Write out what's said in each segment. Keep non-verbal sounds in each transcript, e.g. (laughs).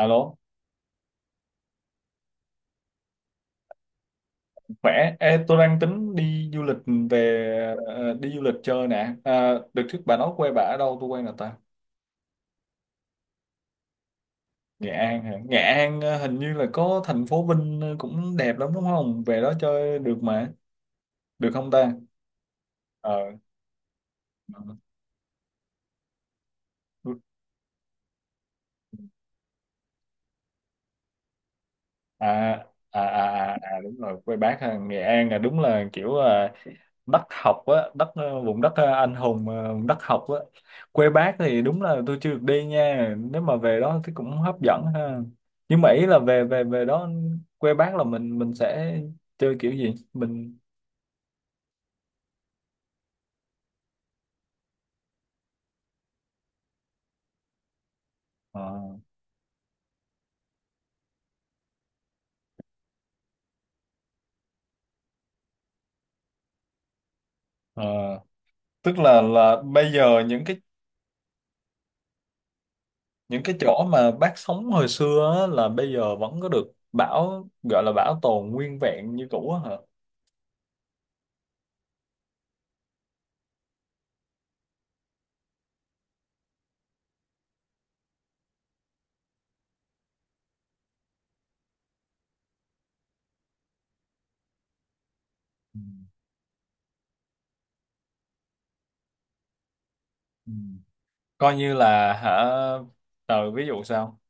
Alo, khỏe. Ê, tôi đang tính đi du lịch về, đi du lịch chơi nè. À, được trước bà nói quê bà ở đâu? Tôi quê nào ta? Nghệ An hả? Nghệ An, hình như là có thành phố Vinh, cũng đẹp lắm đúng không? Về đó chơi được mà. Được không ta? Ờ. À, à, à, à, à, đúng rồi, quê bác ha. Nghệ An là đúng là kiểu, đất học á, đất, vùng đất, anh hùng, vùng đất học á. Quê bác thì đúng là tôi chưa được đi nha, nếu mà về đó thì cũng hấp dẫn ha. Nhưng mà ý là về về về đó, quê bác là mình sẽ chơi kiểu gì mình. Ờ, ờ. Tức là bây giờ những cái, chỗ mà bác sống hồi xưa á, là bây giờ vẫn có được gọi là bảo tồn nguyên vẹn như cũ á hả? Ừ. Ừ. Coi như là hả, ví dụ sao?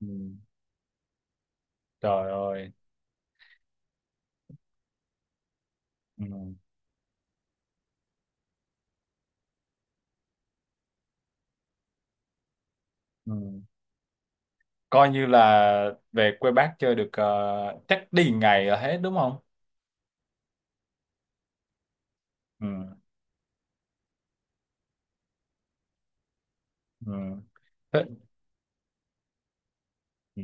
Ừ. Trời ơi. Ừ. Ừ. Coi như là về quê bác chơi được, chắc đi ngày là hết đúng không? Ừ. Ừ. Thế- Ừ.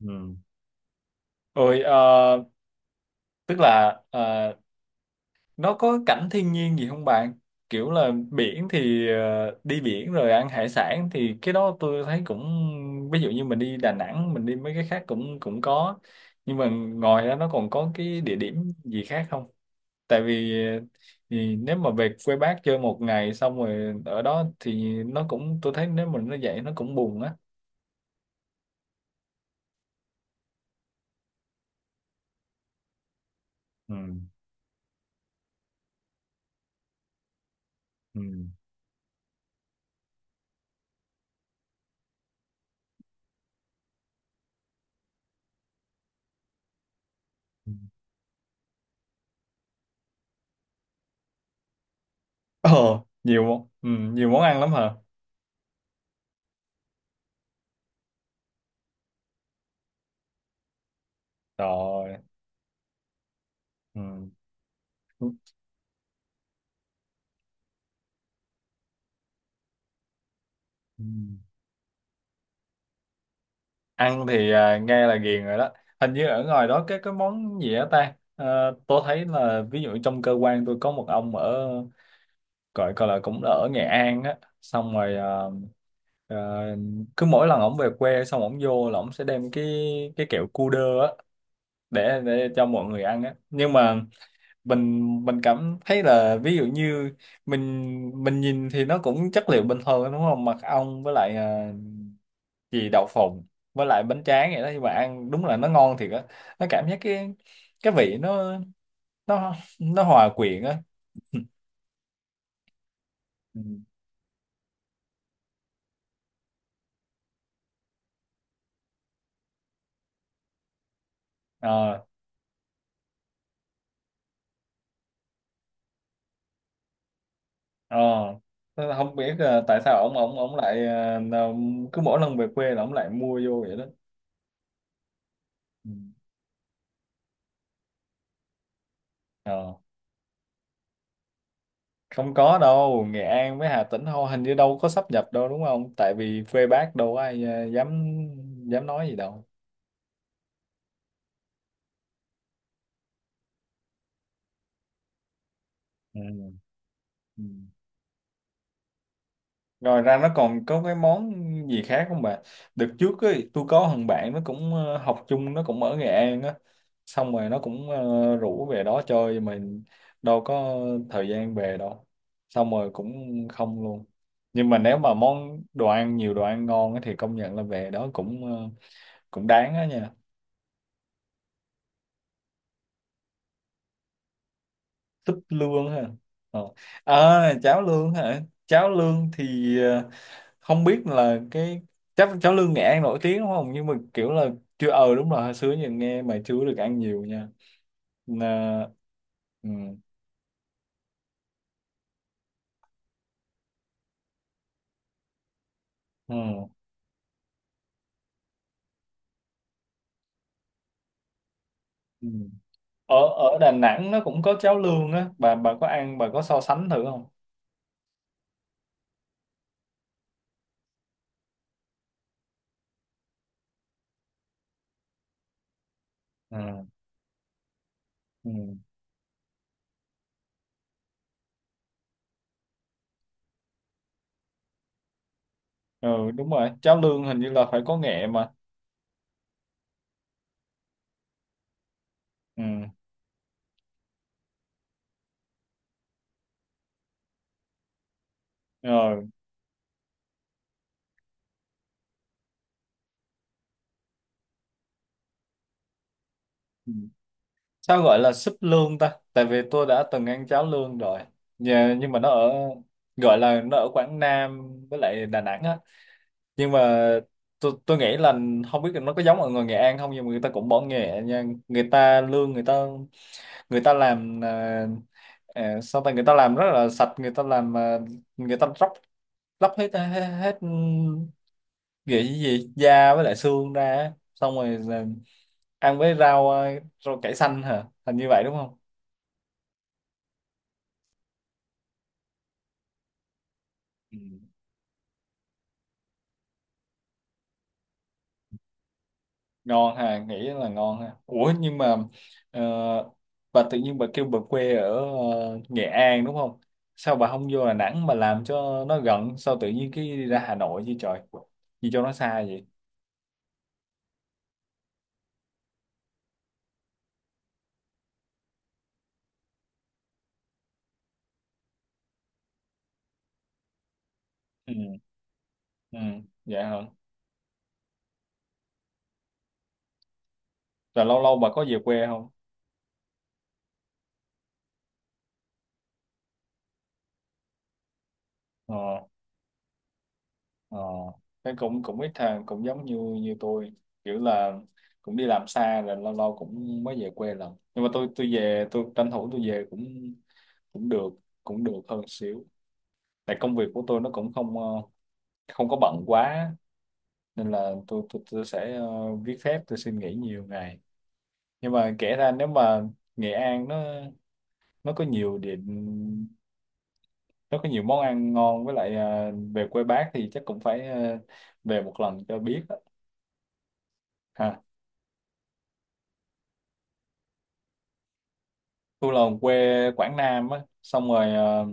Ừ. Rồi, tức là, nó có cảnh thiên nhiên gì không bạn? Kiểu là biển thì, đi biển rồi ăn hải sản thì cái đó tôi thấy cũng ví dụ như mình đi Đà Nẵng, mình đi mấy cái khác cũng cũng có, nhưng mà ngoài ra nó còn có cái địa điểm gì khác không? Tại vì thì nếu mà về quê bác chơi một ngày xong rồi ở đó thì nó cũng, tôi thấy nếu mình nó vậy nó cũng buồn á. Ừ. Ừ. Ừ. Ờ, nhiều món ăn lắm hả? Rồi. Ừ. Ừ. Ăn thì, nghe là ghiền rồi đó. Hình như ở ngoài đó cái món gì á ta. Ờ, tôi thấy là ví dụ trong cơ quan tôi có một ông ở, gọi coi là cũng ở Nghệ An á, xong rồi, Ờ, cứ mỗi lần ổng về quê xong ổng vô là ổng sẽ đem cái kẹo cu đơ á, để cho mọi người ăn á. Nhưng mà mình cảm thấy là ví dụ như mình nhìn thì nó cũng chất liệu bình thường đúng không, mật ong với lại, gì đậu phộng với lại bánh tráng vậy đó, nhưng mà ăn đúng là nó ngon thiệt á. Nó cảm giác cái vị nó nó hòa quyện á. Ừ. Ờ, ờ. Thế là không biết, tại sao ông lại, cứ mỗi lần về quê là ông lại mua vô vậy đó. Ừ. ờ Không có đâu, Nghệ An với Hà Tĩnh thôi, hình như đâu có sáp nhập đâu đúng không, tại vì quê bác đâu có ai, dám dám nói gì đâu. Ừ. Ừ. Ngoài ra nó còn có cái món gì khác không bà? Đợt trước ấy, tôi có thằng bạn nó cũng, học chung, nó cũng ở Nghệ An á. Xong rồi nó cũng, rủ về đó chơi mà đâu có thời gian về đâu. Xong rồi cũng không luôn. Nhưng mà nếu mà món đồ ăn, nhiều đồ ăn ngon á thì công nhận là về đó cũng đáng á nha. Súp lương ha. Ờ. À, cháo lương hả? Cháo lương thì, ờ, không biết là cái, chắc cháo lươn Nghệ An nổi tiếng đúng không, nhưng mà kiểu là chưa, đúng rồi, hồi xưa giờ nghe mà chưa được ăn nhiều nha. Nà, ừ, ừ, ừ. ở ở Đà Nẵng nó cũng có cháo lươn á, bà có ăn, bà có so sánh thử không? Ừ, ừ. Ừ đúng rồi, cháo lươn hình như là phải có nghệ mà. Ừ. Rồi. Ừ. Sao gọi là súp lươn ta, tại vì tôi đã từng ăn cháo lươn rồi. Dạ, nhưng mà nó ở, gọi là nó ở Quảng Nam với lại Đà Nẵng á, nhưng mà tôi nghĩ là không biết là nó có giống ở người Nghệ An không, nhưng mà người ta cũng bỏ nghề nha, người ta lương người ta, người ta làm, sao ta, người ta làm rất là sạch, người ta làm, người ta róc lóc hết hết, hết, gì gì da với lại xương ra á. Xong rồi là ăn với rau cải xanh hả, thành như vậy đúng không? Ngon ha, nghĩ là ngon ha. Ủa nhưng mà, ờ, bà tự nhiên bà kêu bà quê ở, Nghệ An đúng không, sao bà không vô Đà Nẵng mà làm cho nó gần, sao tự nhiên cái đi ra Hà Nội chứ trời, gì cho nó xa vậy? Ừ. Ừ. Dạ hả? Rồi lâu lâu bà có về quê không? Ờ. Ờ. Cái cũng, ít thằng cũng giống như như tôi, kiểu là cũng đi làm xa rồi lâu lâu cũng mới về quê lần, nhưng mà tôi về tôi tranh thủ tôi về cũng cũng được cũng được hơn xíu, tại công việc của tôi nó cũng không ờ, không có bận quá, nên là tôi, tôi sẽ, viết phép tôi xin nghỉ nhiều ngày, nhưng mà kể ra nếu mà Nghệ An nó có nhiều điểm, nó có nhiều món ăn ngon, với lại, về quê bác thì chắc cũng phải, về một lần cho biết á. Ha. Tôi là quê Quảng Nam á, xong rồi,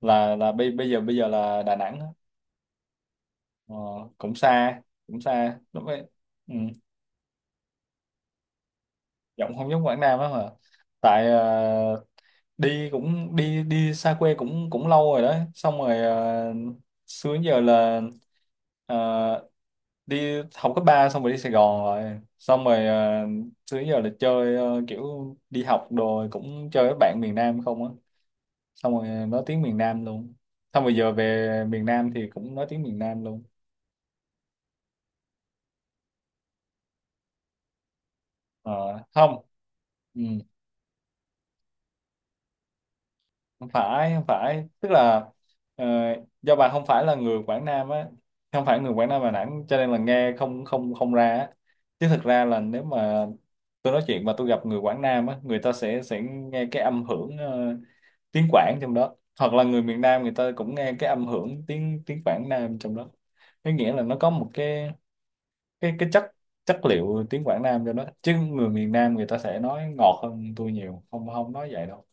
là bây bây giờ là Đà Nẵng á. Ờ, cũng xa cũng xa đúng vậy. Ừ. Giọng không giống Quảng Nam lắm mà, tại, đi, cũng đi đi xa quê cũng cũng lâu rồi đó, xong rồi, xưa đến giờ là, ờ, đi học cấp 3 xong rồi đi Sài Gòn rồi, xong rồi, xưa đến giờ là chơi, kiểu đi học đồ rồi cũng chơi với bạn miền Nam không á, xong rồi nói tiếng miền Nam luôn, xong rồi giờ về miền Nam thì cũng nói tiếng miền Nam luôn. Ờ, không. Ừ. Không phải, không phải, tức là, ờ, do bà không phải là người Quảng Nam á, không phải người Quảng Nam Đà Nẵng cho nên là nghe không không không ra á. Chứ thực ra là nếu mà tôi nói chuyện mà tôi gặp người Quảng Nam á, người ta sẽ nghe cái âm hưởng, tiếng Quảng trong đó, hoặc là người miền Nam người ta cũng nghe cái âm hưởng tiếng tiếng Quảng Nam trong đó, có nghĩa là nó có một cái chất chất liệu tiếng Quảng Nam cho nó, chứ người miền Nam người ta sẽ nói ngọt hơn tôi nhiều, không không nói vậy đâu.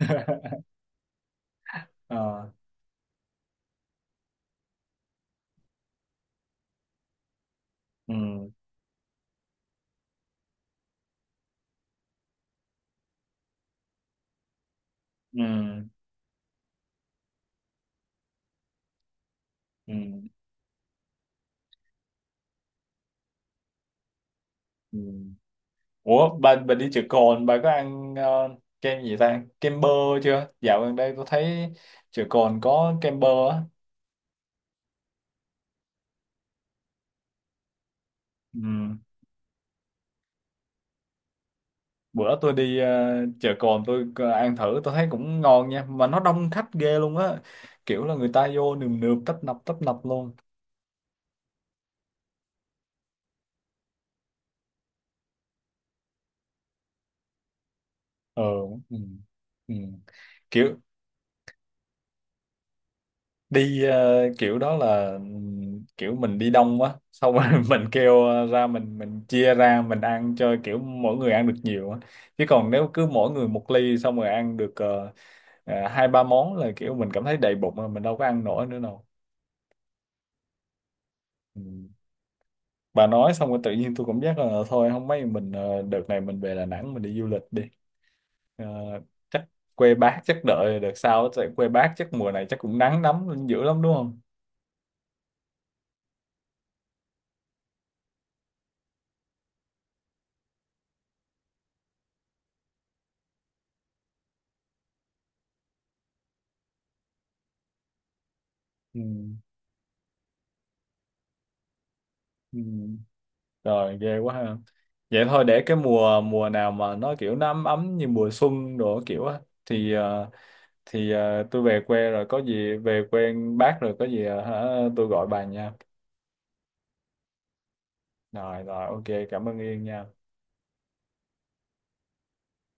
(laughs) Ờ, ừ. Ừ. Ừ. Ừ. Ủa bà đi chợ cồn bà có ăn, kem gì ta, kem bơ chưa? Dạo gần đây tôi thấy chợ cồn có kem bơ á. Ừ. Bữa tôi đi, chợ cồn tôi có ăn thử tôi thấy cũng ngon nha, mà nó đông khách ghê luôn á, kiểu là người ta vô nườm nượp tấp nập luôn. Ừ. Ừ. Ừ. kiểu Kiểu đó là, kiểu mình đi đông quá xong rồi, (laughs) mình kêu, ra mình chia ra mình ăn cho kiểu mỗi người ăn được nhiều á, chứ còn nếu cứ mỗi người một ly xong rồi ăn được, hai ba món là kiểu mình cảm thấy đầy bụng rồi, mình đâu có ăn nổi nữa đâu. Ừm. Bà nói xong rồi tự nhiên tôi cảm giác là thôi không mấy mình, đợt này mình về Đà Nẵng mình đi du lịch đi. Ờ, chắc quê bác chắc đợi đợt sau, tại quê bác chắc mùa này chắc cũng nắng lắm dữ lắm đúng không. Ừm. Ừ. Rồi ghê quá ha. Vậy thôi để cái mùa mùa nào mà nó kiểu nó ấm ấm như mùa xuân đồ kiểu á, thì ờ, tôi về quê rồi có gì, về quê bác rồi có gì, hả, tôi gọi bà nha. Rồi rồi, ok, cảm ơn Yên nha.